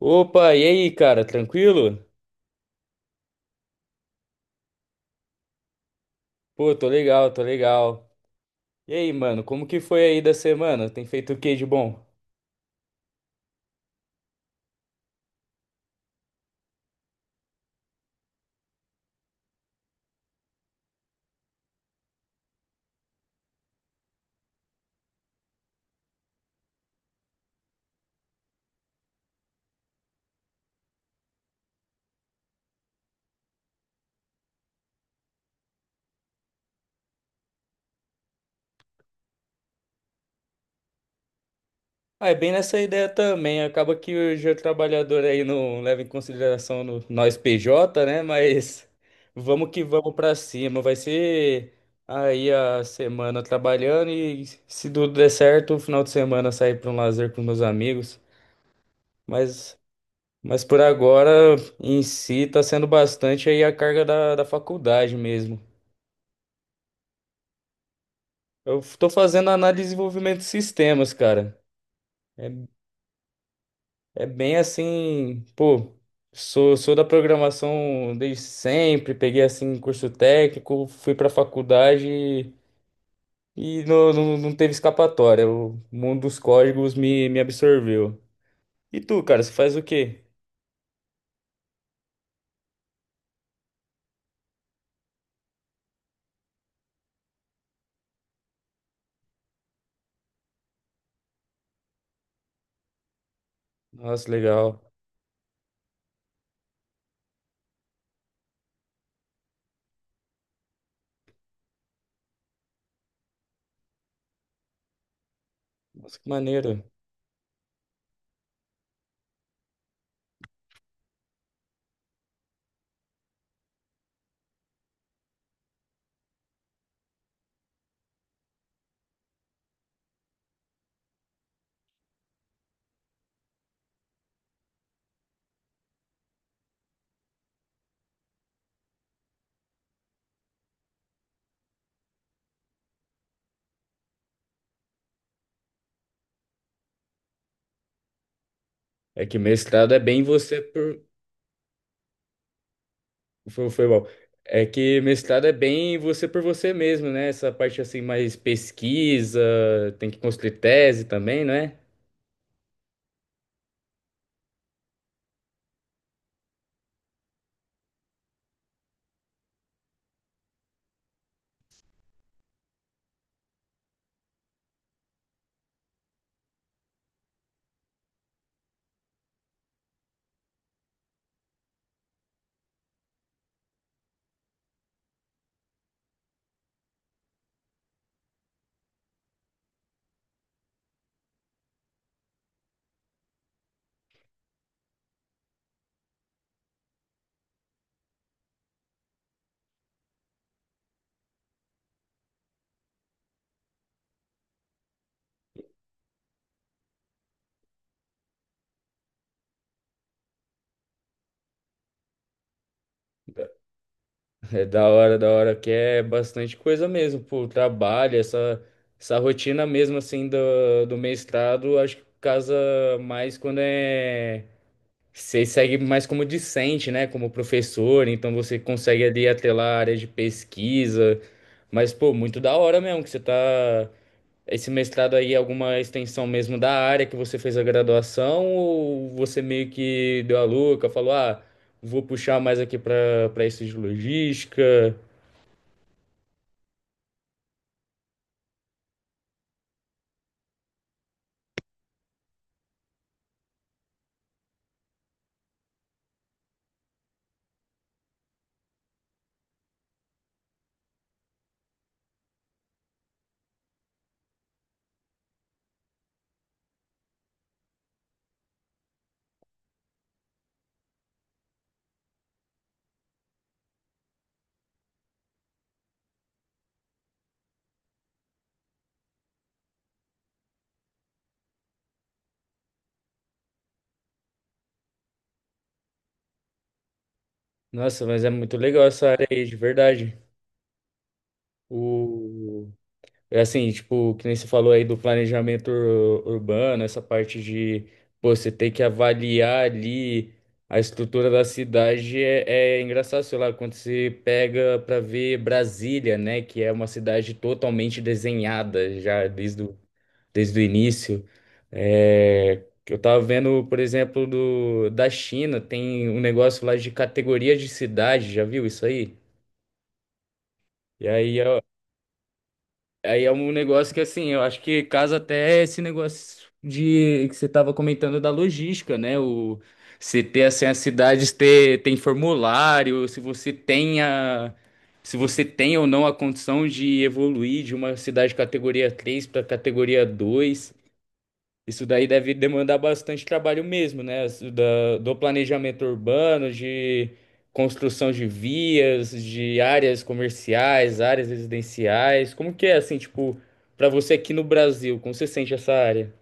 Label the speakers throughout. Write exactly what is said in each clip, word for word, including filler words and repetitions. Speaker 1: Opa, e aí, cara, tranquilo? Pô, tô legal, tô legal. E aí, mano, como que foi aí da semana? Tem feito o que de bom? Ah, é bem nessa ideia também. Acaba que hoje o trabalhador aí não leva em consideração no- nós P J, né? Mas vamos que vamos pra cima. Vai ser aí a semana trabalhando e, se tudo der certo, o final de semana sair pra um lazer com meus amigos. Mas mas por agora, em si, tá sendo bastante aí a carga da, da faculdade mesmo. Eu tô fazendo análise e desenvolvimento de sistemas, cara. É, É bem assim, pô, sou, sou da programação desde sempre, peguei assim curso técnico, fui pra faculdade e, e não, não, não teve escapatória. O mundo dos códigos me, me absorveu. E tu, cara, você faz o quê? Nossa, legal. Nossa, que maneiro. É que mestrado é bem você por, Foi, foi bom. É que mestrado é bem você por você mesmo, né? Essa parte assim, mais pesquisa, tem que construir tese também, né? É É da hora, da hora, que é bastante coisa mesmo, pô, trabalho, essa, essa rotina mesmo, assim, do, do mestrado, acho que casa mais quando é... Você segue mais como discente, né, como professor, então você consegue ali atrelar a área de pesquisa, mas, pô, muito da hora mesmo, que você tá. Esse mestrado aí é alguma extensão mesmo da área que você fez a graduação, ou você meio que deu a louca, falou, ah, vou puxar mais aqui para para isso de logística. Nossa, mas é muito legal essa área aí, de verdade. O... É assim, tipo, que nem você falou aí do planejamento ur- urbano, essa parte de, pô, você tem que avaliar ali a estrutura da cidade, é, é engraçado, sei lá, quando você pega pra ver Brasília, né, que é uma cidade totalmente desenhada já desde o, desde o início. É, que eu tava vendo, por exemplo, do, da China, tem um negócio lá de categoria de cidade, já viu isso aí? E aí é Aí é um negócio que, assim, eu acho que casa até esse negócio de que você estava comentando da logística, né? O, se ter, assim, as cidades ter, tem formulário, se você tem a, se você tem ou não a condição de evoluir de uma cidade categoria três para categoria dois, isso daí deve demandar bastante trabalho mesmo, né? As- da- do planejamento urbano, de construção de vias, de áreas comerciais, áreas residenciais. Como que é assim, tipo, para você aqui no Brasil, como você sente essa área?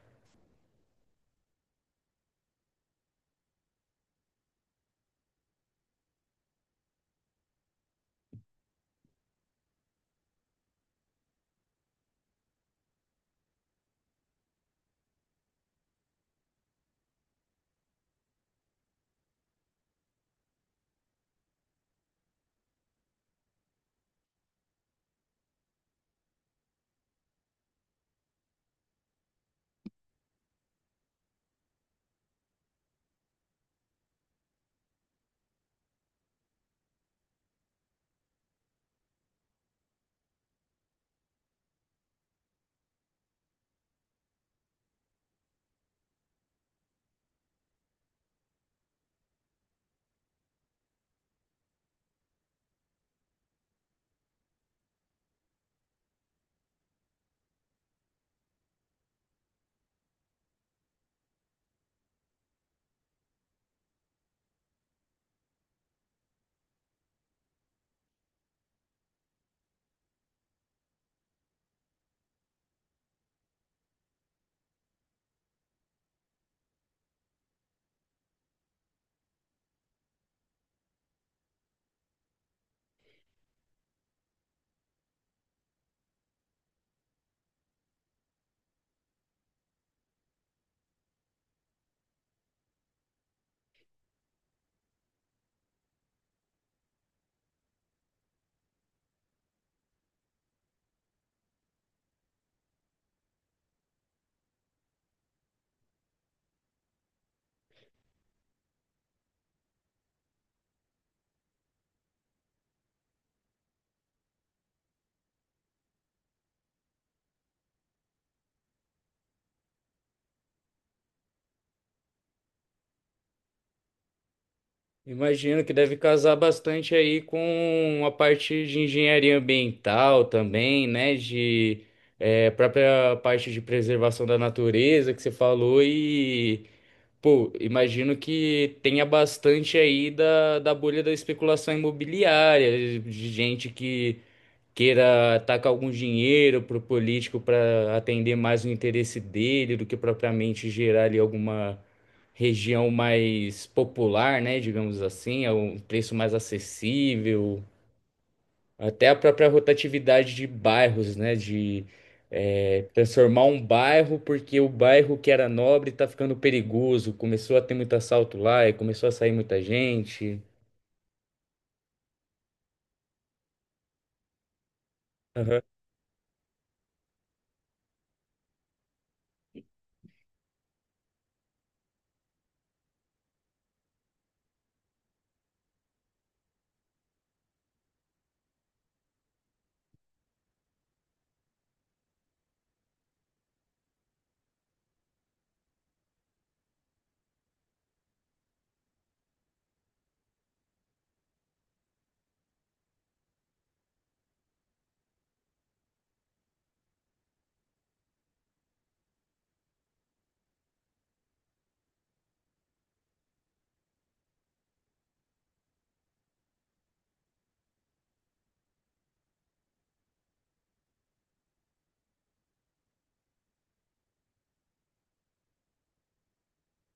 Speaker 1: Imagino que deve casar bastante aí com a parte de engenharia ambiental também, né? De eh, própria parte de preservação da natureza que você falou. E pô, imagino que tenha bastante aí da, da bolha da especulação imobiliária, de gente que queira tacar algum dinheiro pro político para atender mais o interesse dele do que propriamente gerar ali alguma região mais popular, né? Digamos assim, a um preço mais acessível. Até a própria rotatividade de bairros, né? De eh, transformar um bairro porque o bairro que era nobre tá ficando perigoso. Começou a ter muito assalto lá e começou a sair muita gente. Aham,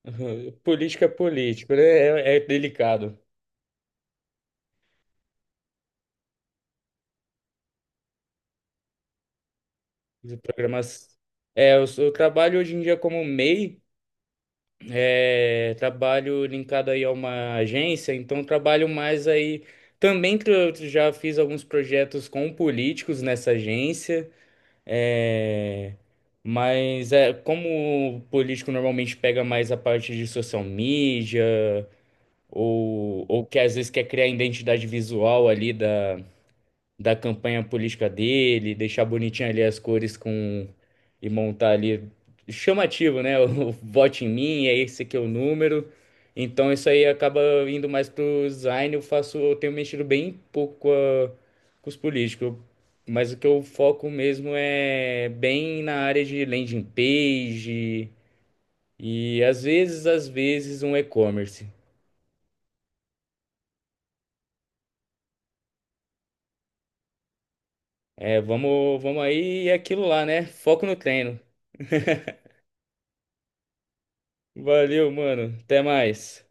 Speaker 1: aham. Política é político, né? É, é delicado. Programas. É, eu, sou- eu trabalho hoje em dia como M E I, é, trabalho linkado aí a uma agência, então trabalho mais aí. Também tra- já fiz alguns projetos com políticos nessa agência. É, mas é como o político normalmente pega mais a parte de social media ou, ou que às vezes quer criar identidade visual ali da, da campanha política dele, deixar bonitinho ali as cores com, e montar ali chamativo, né? O vote em mim, é, esse aqui é o número. Então isso aí acaba indo mais pro design, eu faço, eu tenho mexido bem pouco com, a- com os políticos. Mas o que eu foco mesmo é bem na área de landing page e às vezes, às vezes um e-commerce. É, vamos, vamos aí, e é aquilo lá, né? Foco no treino. Valeu, mano. Até mais.